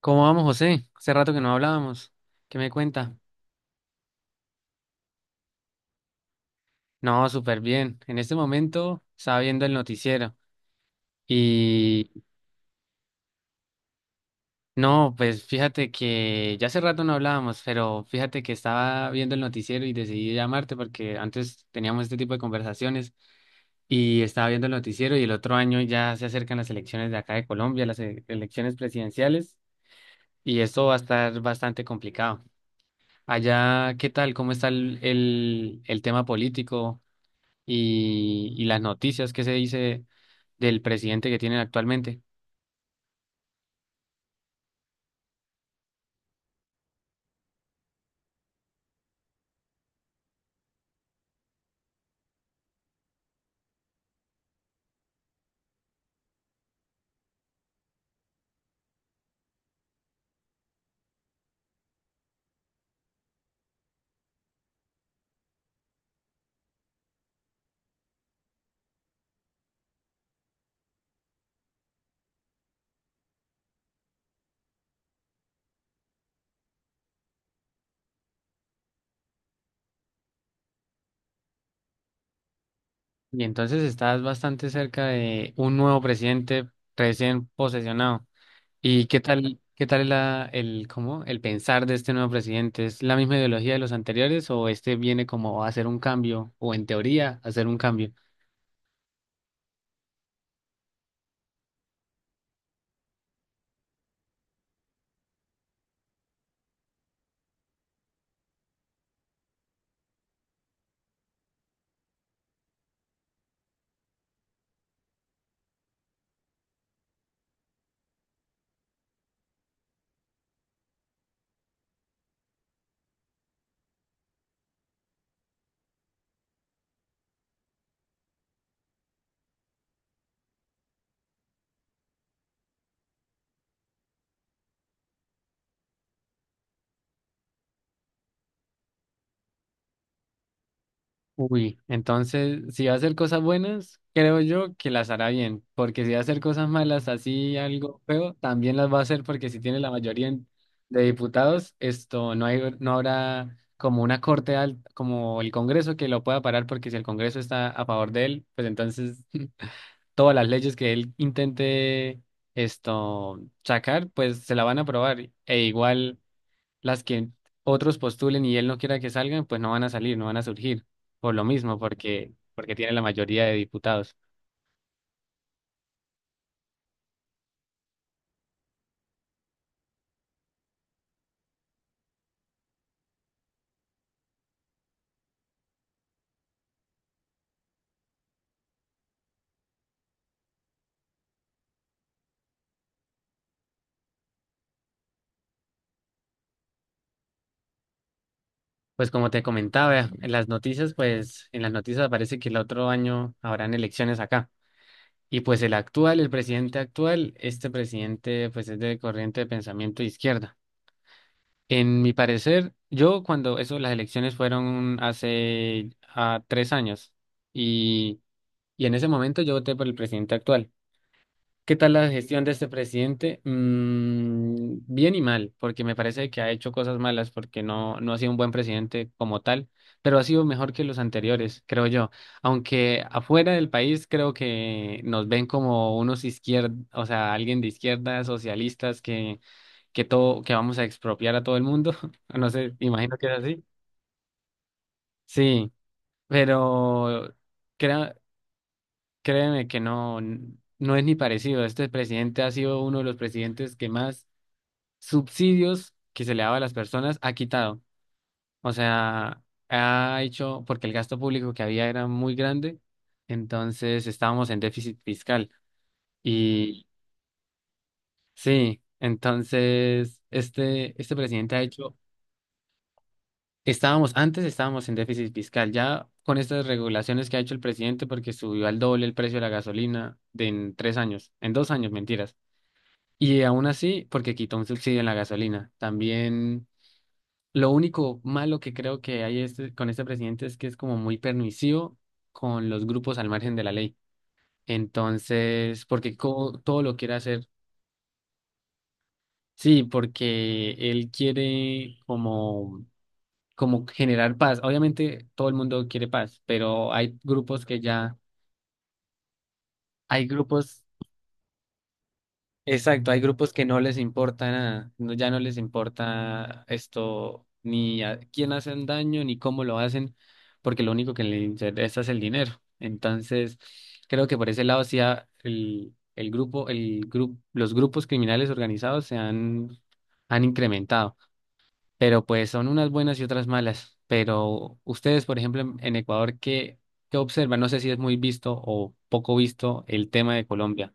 ¿Cómo vamos, José? Hace rato que no hablábamos. ¿Qué me cuenta? No, súper bien. En este momento estaba viendo el noticiero, y no, pues fíjate que ya hace rato no hablábamos, pero fíjate que estaba viendo el noticiero y decidí llamarte porque antes teníamos este tipo de conversaciones y estaba viendo el noticiero y el otro año ya se acercan las elecciones de acá de Colombia, las elecciones presidenciales, y esto va a estar bastante complicado. Allá, ¿qué tal? ¿Cómo está el tema político? Y las noticias que se dice del presidente que tienen actualmente. Y entonces estás bastante cerca de un nuevo presidente recién posesionado. ¿Y qué tal el pensar de este nuevo presidente? ¿Es la misma ideología de los anteriores o este viene como a hacer un cambio o en teoría a hacer un cambio? Uy, entonces, si va a hacer cosas buenas, creo yo que las hará bien, porque si va a hacer cosas malas, así algo feo, también las va a hacer porque si tiene la mayoría de diputados, esto no hay, no habrá como una corte alta, como el Congreso, que lo pueda parar, porque si el Congreso está a favor de él, pues entonces todas las leyes que él intente esto sacar, pues se la van a aprobar. E igual las que otros postulen y él no quiera que salgan, pues no van a salir, no van a surgir, por lo mismo, porque tiene la mayoría de diputados. Pues como te comentaba, en las noticias, parece que el otro año habrán elecciones acá. Y pues el actual, el presidente actual, este presidente pues es de corriente de pensamiento de izquierda. En mi parecer, yo cuando eso, las elecciones fueron hace 3 años, y, y en ese momento yo voté por el presidente actual. ¿Qué tal la gestión de este presidente? Bien y mal, porque me parece que ha hecho cosas malas, porque no, no ha sido un buen presidente como tal, pero ha sido mejor que los anteriores, creo yo. Aunque afuera del país creo que nos ven como unos izquierdos, o sea, alguien de izquierda, socialistas, que vamos a expropiar a todo el mundo. No sé, imagino que es así. Sí, pero crea- créeme que no es ni parecido. Este presidente ha sido uno de los presidentes que más subsidios que se le daba a las personas ha quitado. O sea, ha hecho, porque el gasto público que había era muy grande, entonces estábamos en déficit fiscal. Y sí, entonces este presidente ha hecho, antes estábamos en déficit fiscal, ya con estas regulaciones que ha hecho el presidente, porque subió al doble el precio de la gasolina de en 3 años, en 2 años, mentiras. Y aún así, porque quitó un subsidio en la gasolina. También, lo único malo que creo que hay, con este presidente, es que es como muy permisivo con los grupos al margen de la ley. Entonces, porque todo lo quiere hacer, sí, porque él quiere como generar paz. Obviamente todo el mundo quiere paz, pero hay grupos que ya, hay grupos, exacto, hay grupos que no les importa nada, no, ya no les importa esto, ni a quién hacen daño, ni cómo lo hacen, porque lo único que les interesa es el dinero. Entonces, creo que por ese lado sí los grupos criminales organizados se han, incrementado, pero pues son unas buenas y otras malas. Pero ustedes, por ejemplo, en Ecuador, ¿qué, observan? No sé si es muy visto o poco visto el tema de Colombia.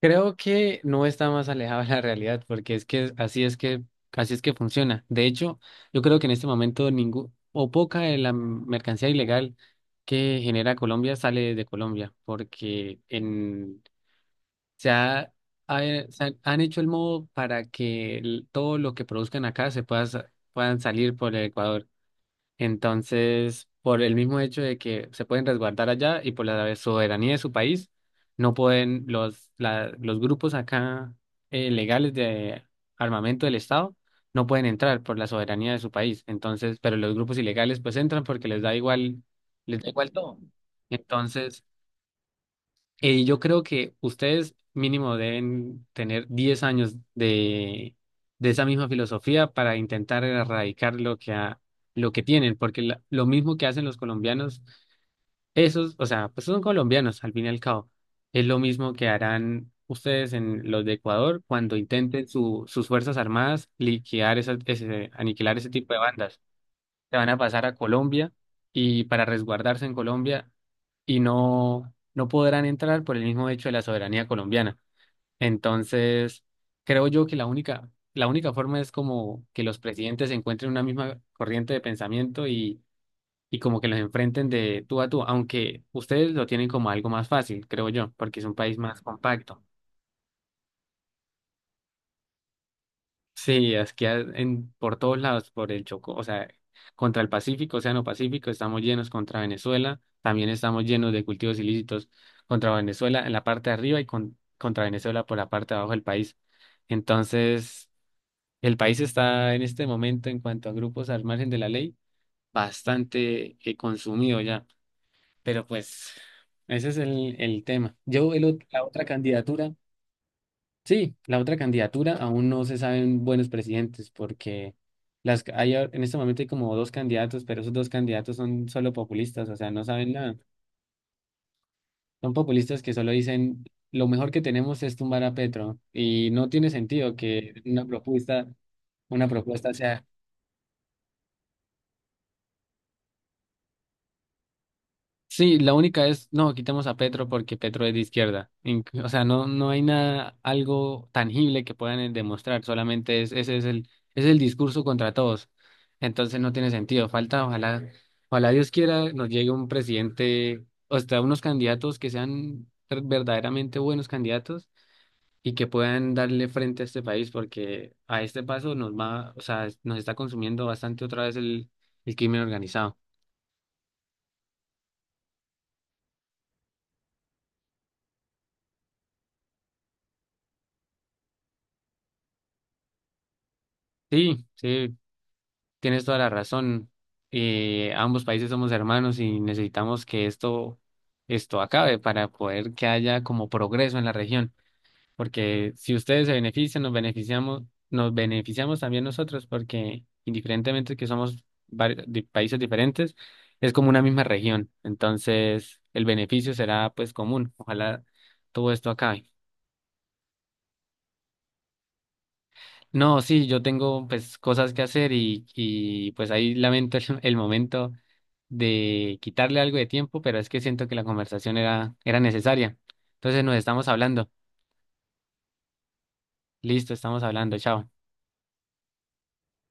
Creo que no está más alejado de la realidad, porque es que así es que funciona. De hecho, yo creo que en este momento ningún o poca de la mercancía ilegal que genera Colombia sale de Colombia, porque en se ha, ha- se han han hecho el modo para que todo lo que produzcan acá puedan salir por el Ecuador. Entonces, por el mismo hecho de que se pueden resguardar allá y por la soberanía de su país, no pueden los grupos acá, legales, de armamento del Estado, no pueden entrar por la soberanía de su país. Entonces, pero los grupos ilegales pues entran porque les da igual todo. Entonces, yo creo que ustedes mínimo deben tener 10 años de esa misma filosofía para intentar erradicar lo que tienen, porque lo mismo que hacen los colombianos, esos, o sea, pues son colombianos al fin y al cabo, es lo mismo que harán ustedes en los de Ecuador cuando intenten sus fuerzas armadas liquidar aniquilar ese tipo de bandas, se van a pasar a Colombia y para resguardarse en Colombia, y no, no podrán entrar por el mismo hecho de la soberanía colombiana. Entonces, creo yo que la única forma es como que los presidentes encuentren una misma corriente de pensamiento, y como que los enfrenten de tú a tú, aunque ustedes lo tienen como algo más fácil, creo yo, porque es un país más compacto. Sí, aquí por todos lados, por el Chocó, o sea, contra el Pacífico, Océano Pacífico, estamos llenos contra Venezuela, también estamos llenos de cultivos ilícitos contra Venezuela en la parte de arriba y contra Venezuela por la parte de abajo del país. Entonces, el país está en este momento, en cuanto a grupos al margen de la ley, bastante consumido ya, pero pues ese es el tema. La otra candidatura. Sí, la otra candidatura aún no se saben buenos presidentes porque en este momento hay como dos candidatos, pero esos dos candidatos son solo populistas, o sea, no saben nada. Son populistas que solo dicen lo mejor que tenemos es tumbar a Petro, y no tiene sentido que una propuesta, sea... Sí, la única es, no, quitemos a Petro porque Petro es de izquierda. O sea, no, no hay nada, algo tangible que puedan demostrar, ese es el discurso contra todos. Entonces no tiene sentido. Falta, ojalá, ojalá Dios quiera, nos llegue un presidente, o sea, unos candidatos que sean verdaderamente buenos candidatos y que puedan darle frente a este país, porque a este paso nos va, o sea, nos está consumiendo bastante otra vez el crimen organizado. Sí, sí. Tienes toda la razón. Ambos países somos hermanos y necesitamos que esto acabe para poder que haya como progreso en la región. Porque si ustedes se benefician, nos beneficiamos, también nosotros, porque indiferentemente que somos de países diferentes, es como una misma región. Entonces, el beneficio será pues común. Ojalá todo esto acabe. No, sí, yo tengo pues cosas que hacer, y pues ahí lamento el, el momento de quitarle algo de tiempo, pero es que siento que la conversación era necesaria. Entonces nos estamos hablando. Listo, estamos hablando. Chao.